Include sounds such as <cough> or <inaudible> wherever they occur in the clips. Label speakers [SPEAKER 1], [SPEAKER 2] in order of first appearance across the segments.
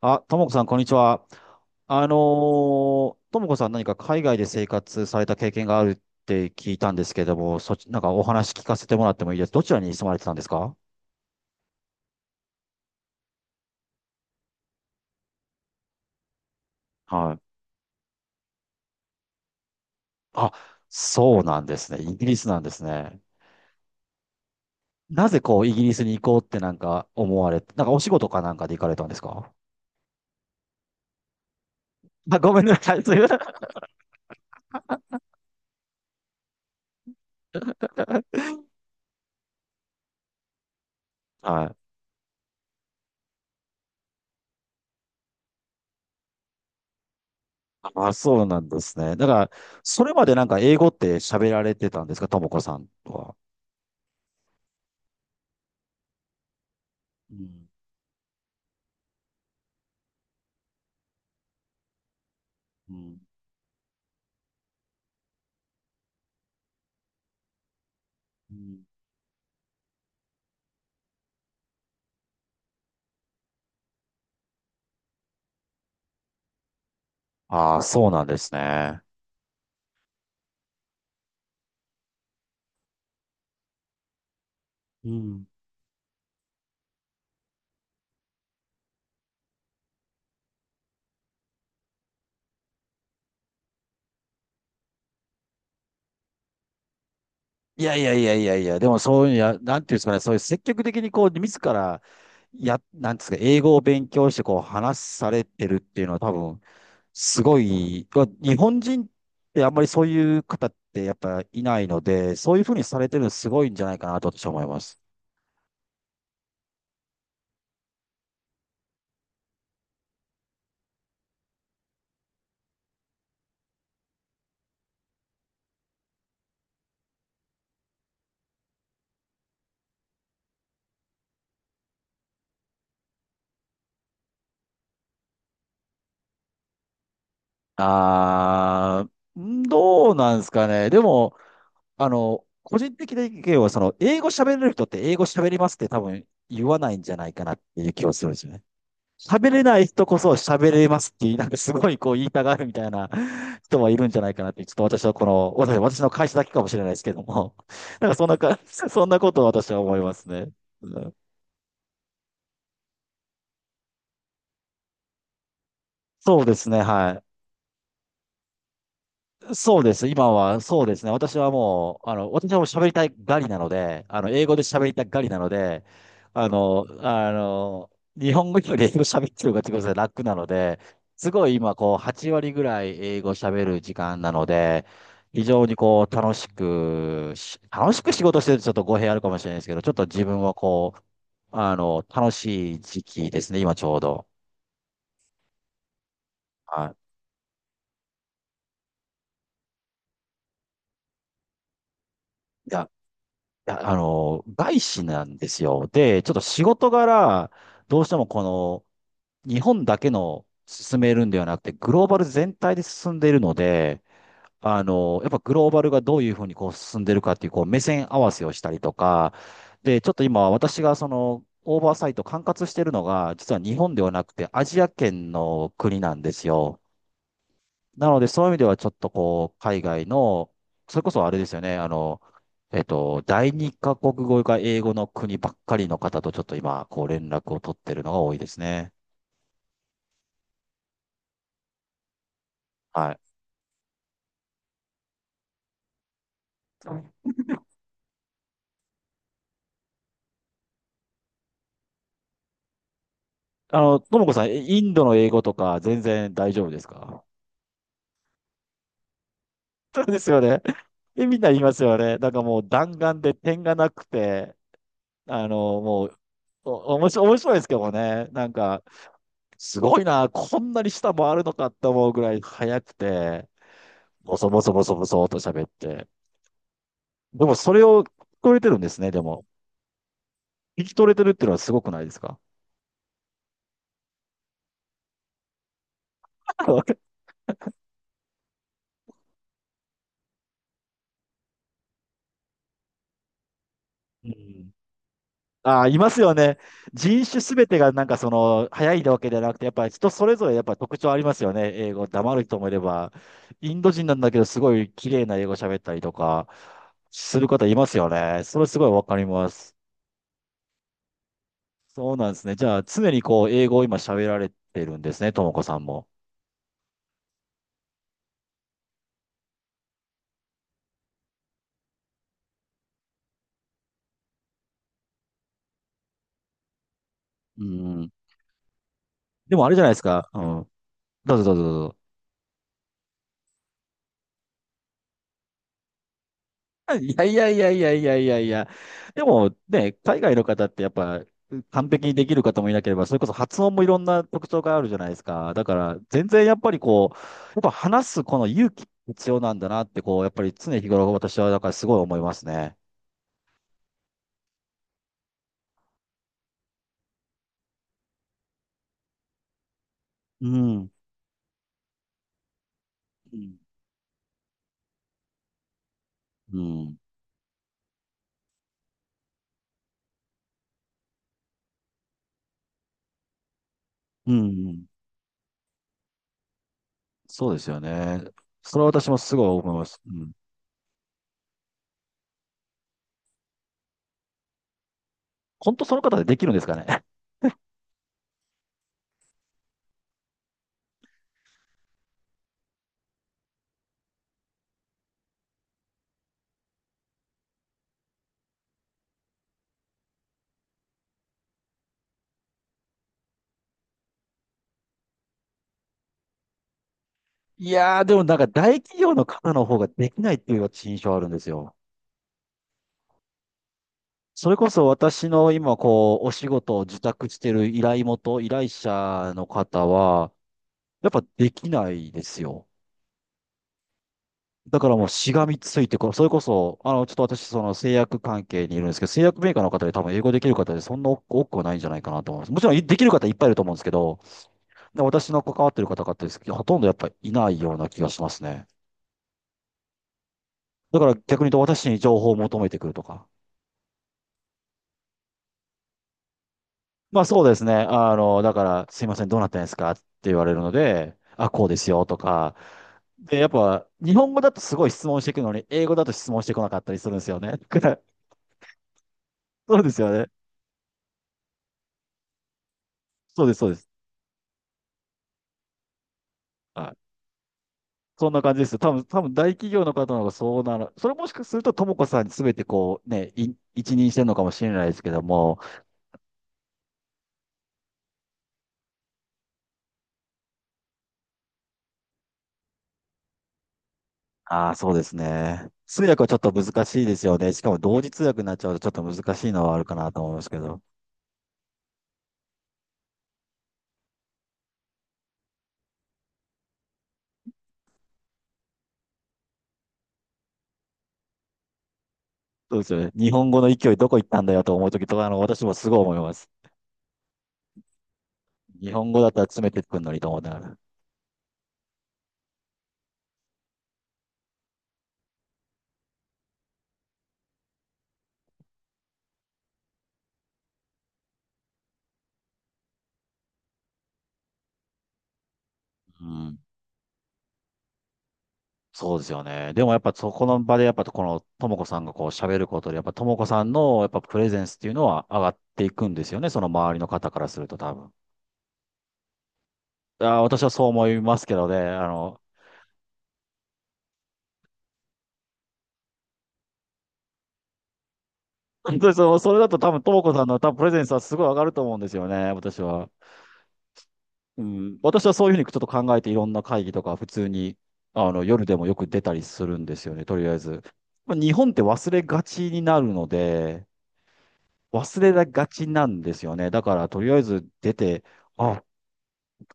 [SPEAKER 1] あ、ともこさん、こんにちは。あのともこさん何か海外で生活された経験があるって聞いたんですけども、そっち、なんかお話聞かせてもらってもいいです。どちらに住まれてたんですか？はい。あ、そうなんですね。イギリスなんですね。なぜこう、イギリスに行こうってなんか思われて、なんかお仕事かなんかで行かれたんですか？あ、ごめんなさい。すいません。はい。<laughs> あ、そうなんですね。だから、それまでなんか英語って喋られてたんですかともこさんとは。うん。うん。うん。ああ、そうなんですね。うん。いやいやいやいやいや、でもそういうや、なんていうんですかね、そういう積極的にこう、自ら、や、なんですか、英語を勉強してこう、話されてるっていうのは多分、すごい、まあ日本人ってあんまりそういう方ってやっぱいないので、そういうふうにされてるのすごいんじゃないかなと私は思います。あー、どうなんですかね。でも、あの、個人的な意見は、その、英語喋れる人って英語喋りますって多分言わないんじゃないかなっていう気はするんですよね。喋れない人こそ喋れますって言い、なんかすごいこう言いたがるみたいな <laughs> 人はいるんじゃないかなって、ちょっと私はこの、私の会社だけかもしれないですけども、<laughs> なんかそんなか、<laughs> そんなことを私は思いますね。うん。そうですね、はい。そうです。今は、そうですね。私はもう、私はもう喋りたいガリなので、英語で喋りたいガリなので、あの、あの、日本語より英語喋ってる方が自分で楽なので、すごい今、こう、8割ぐらい英語喋る時間なので、非常にこう、楽しくし、楽しく仕事してるとちょっと語弊あるかもしれないですけど、ちょっと自分はこう、あの、楽しい時期ですね、今ちょうど。はい。いやや、あの、外資なんですよ。で、ちょっと仕事柄、どうしてもこの、日本だけの進めるんではなくて、グローバル全体で進んでいるので、あの、やっぱグローバルがどういうふうにこう進んでるかっていう、こう、目線合わせをしたりとか、で、ちょっと今、私がその、オーバーサイト管轄してるのが、実は日本ではなくて、アジア圏の国なんですよ。なので、そういう意味ではちょっとこう、海外の、それこそあれですよね、あの、第二カ国語が英語の国ばっかりの方とちょっと今、こう連絡を取ってるのが多いですね。はい。あの、ともこさん、えインドの英語とか全然大丈夫ですか？そうですよね。え、みんな言いますよね。なんかもう弾丸で点がなくて、あの、もう、お、面白いですけどもね。なんか、すごいな、こんなに下回るのかって思うぐらい速くて。ボソボソボソボソと喋って。でもそれを聞こえてるんですね、でも。聞き取れてるっていうのはすごくないですか？ <laughs> うん。ああ、いますよね。人種すべてがなんかその、早いわけじゃなくて、やっぱり人それぞれやっぱ特徴ありますよね。英語、黙る人もいれば、インド人なんだけど、すごい綺麗な英語喋ったりとか、する方いますよね。それすごいわかります。そうなんですね。じゃあ、常にこう、英語を今喋られてるんですね、ともこさんも。うん。でもあれじゃないですか。うん。どうぞ。いやいやいやいやいやいやいや。でもね、海外の方ってやっぱ完璧にできる方もいなければ、それこそ発音もいろんな特徴があるじゃないですか。だから全然やっぱりこう、やっぱ話すこの勇気必要なんだなってこう、やっぱり常日頃私はだからすごい思いますね。うん。うん。うん。うん。そうですよね。それは私もすごい思います。うん。本当その方でできるんですかね。<laughs> いやー、でもなんか大企業の方の方ができないっていう私印象あるんですよ。それこそ私の今こう、お仕事を受託してる依頼元、依頼者の方は、やっぱできないですよ。だからもうしがみついて、こうそれこそ、あの、ちょっと私、その製薬関係にいるんですけど、製薬メーカーの方で多分英語できる方でそんな多くはないんじゃないかなと思います。もちろんいできる方いっぱいいると思うんですけど、で私の関わってる方々ですけど、ほとんどやっぱいないような気がしますね。だから逆に言うと私に情報を求めてくるとか。まあそうですね。あの、だから、すいません、どうなったんですかって言われるので、あ、こうですよとか。で、やっぱ、日本語だとすごい質問していくのに、英語だと質問してこなかったりするんですよね。<laughs> だからそうですよね。そうです、そうです。はい。そんな感じですよ。多分、多分大企業の方の方がそうなる。それもしかすると、ともこさんに全てこう、ね、い一任してるのかもしれないですけども、ああ、そうですね。通訳はちょっと難しいですよね。しかも同時通訳になっちゃうとちょっと難しいのはあるかなと思いますけど。そうですよね。日本語の勢いどこ行ったんだよと思うときとか、あの、私もすごい思います。日本語だったら詰めてくるのにと思いながら。うん。そうですよね。でもやっぱそこの場でやっぱこのともこさんがこう喋ることで、やっぱともこさんのやっぱプレゼンスっていうのは上がっていくんですよね。その周りの方からすると多分。あー、私はそう思いますけどね。あの、<laughs> 本当にその、それだと多分ともこさんの多分プレゼンスはすごい上がると思うんですよね。私は。うん、私はそういうふうにちょっと考えていろんな会議とか普通にあの夜でもよく出たりするんですよね、とりあえず。まあ日本って忘れがちになるので、忘れがちなんですよね。だからとりあえず出て、あ、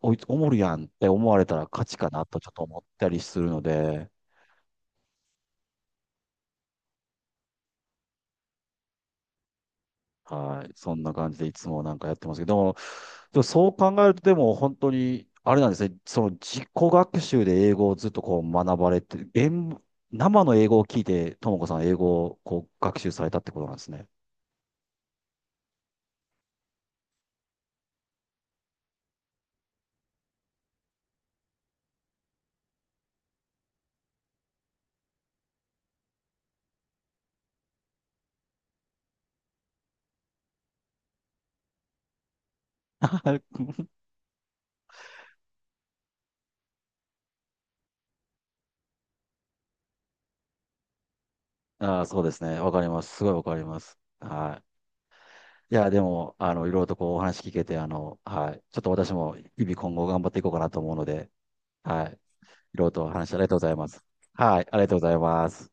[SPEAKER 1] こいつおもるやんって思われたら勝ちかなとちょっと思ったりするので、はい。そんな感じでいつもなんかやってますけど、でもでもそう考えると、でも本当に、あれなんですね。その自己学習で英語をずっとこう学ばれて、演生の英語を聞いて、ともこさん英語をこう学習されたってことなんですね。<laughs> ああ、そうですね。わかります。すごいわかります。はい。いや、でも、あの、いろいろとこうお話聞けて、あの、はい。ちょっと私も日々今後頑張っていこうかなと思うので、はい。いろいろとお話ありがとうございます。はい。ありがとうございます。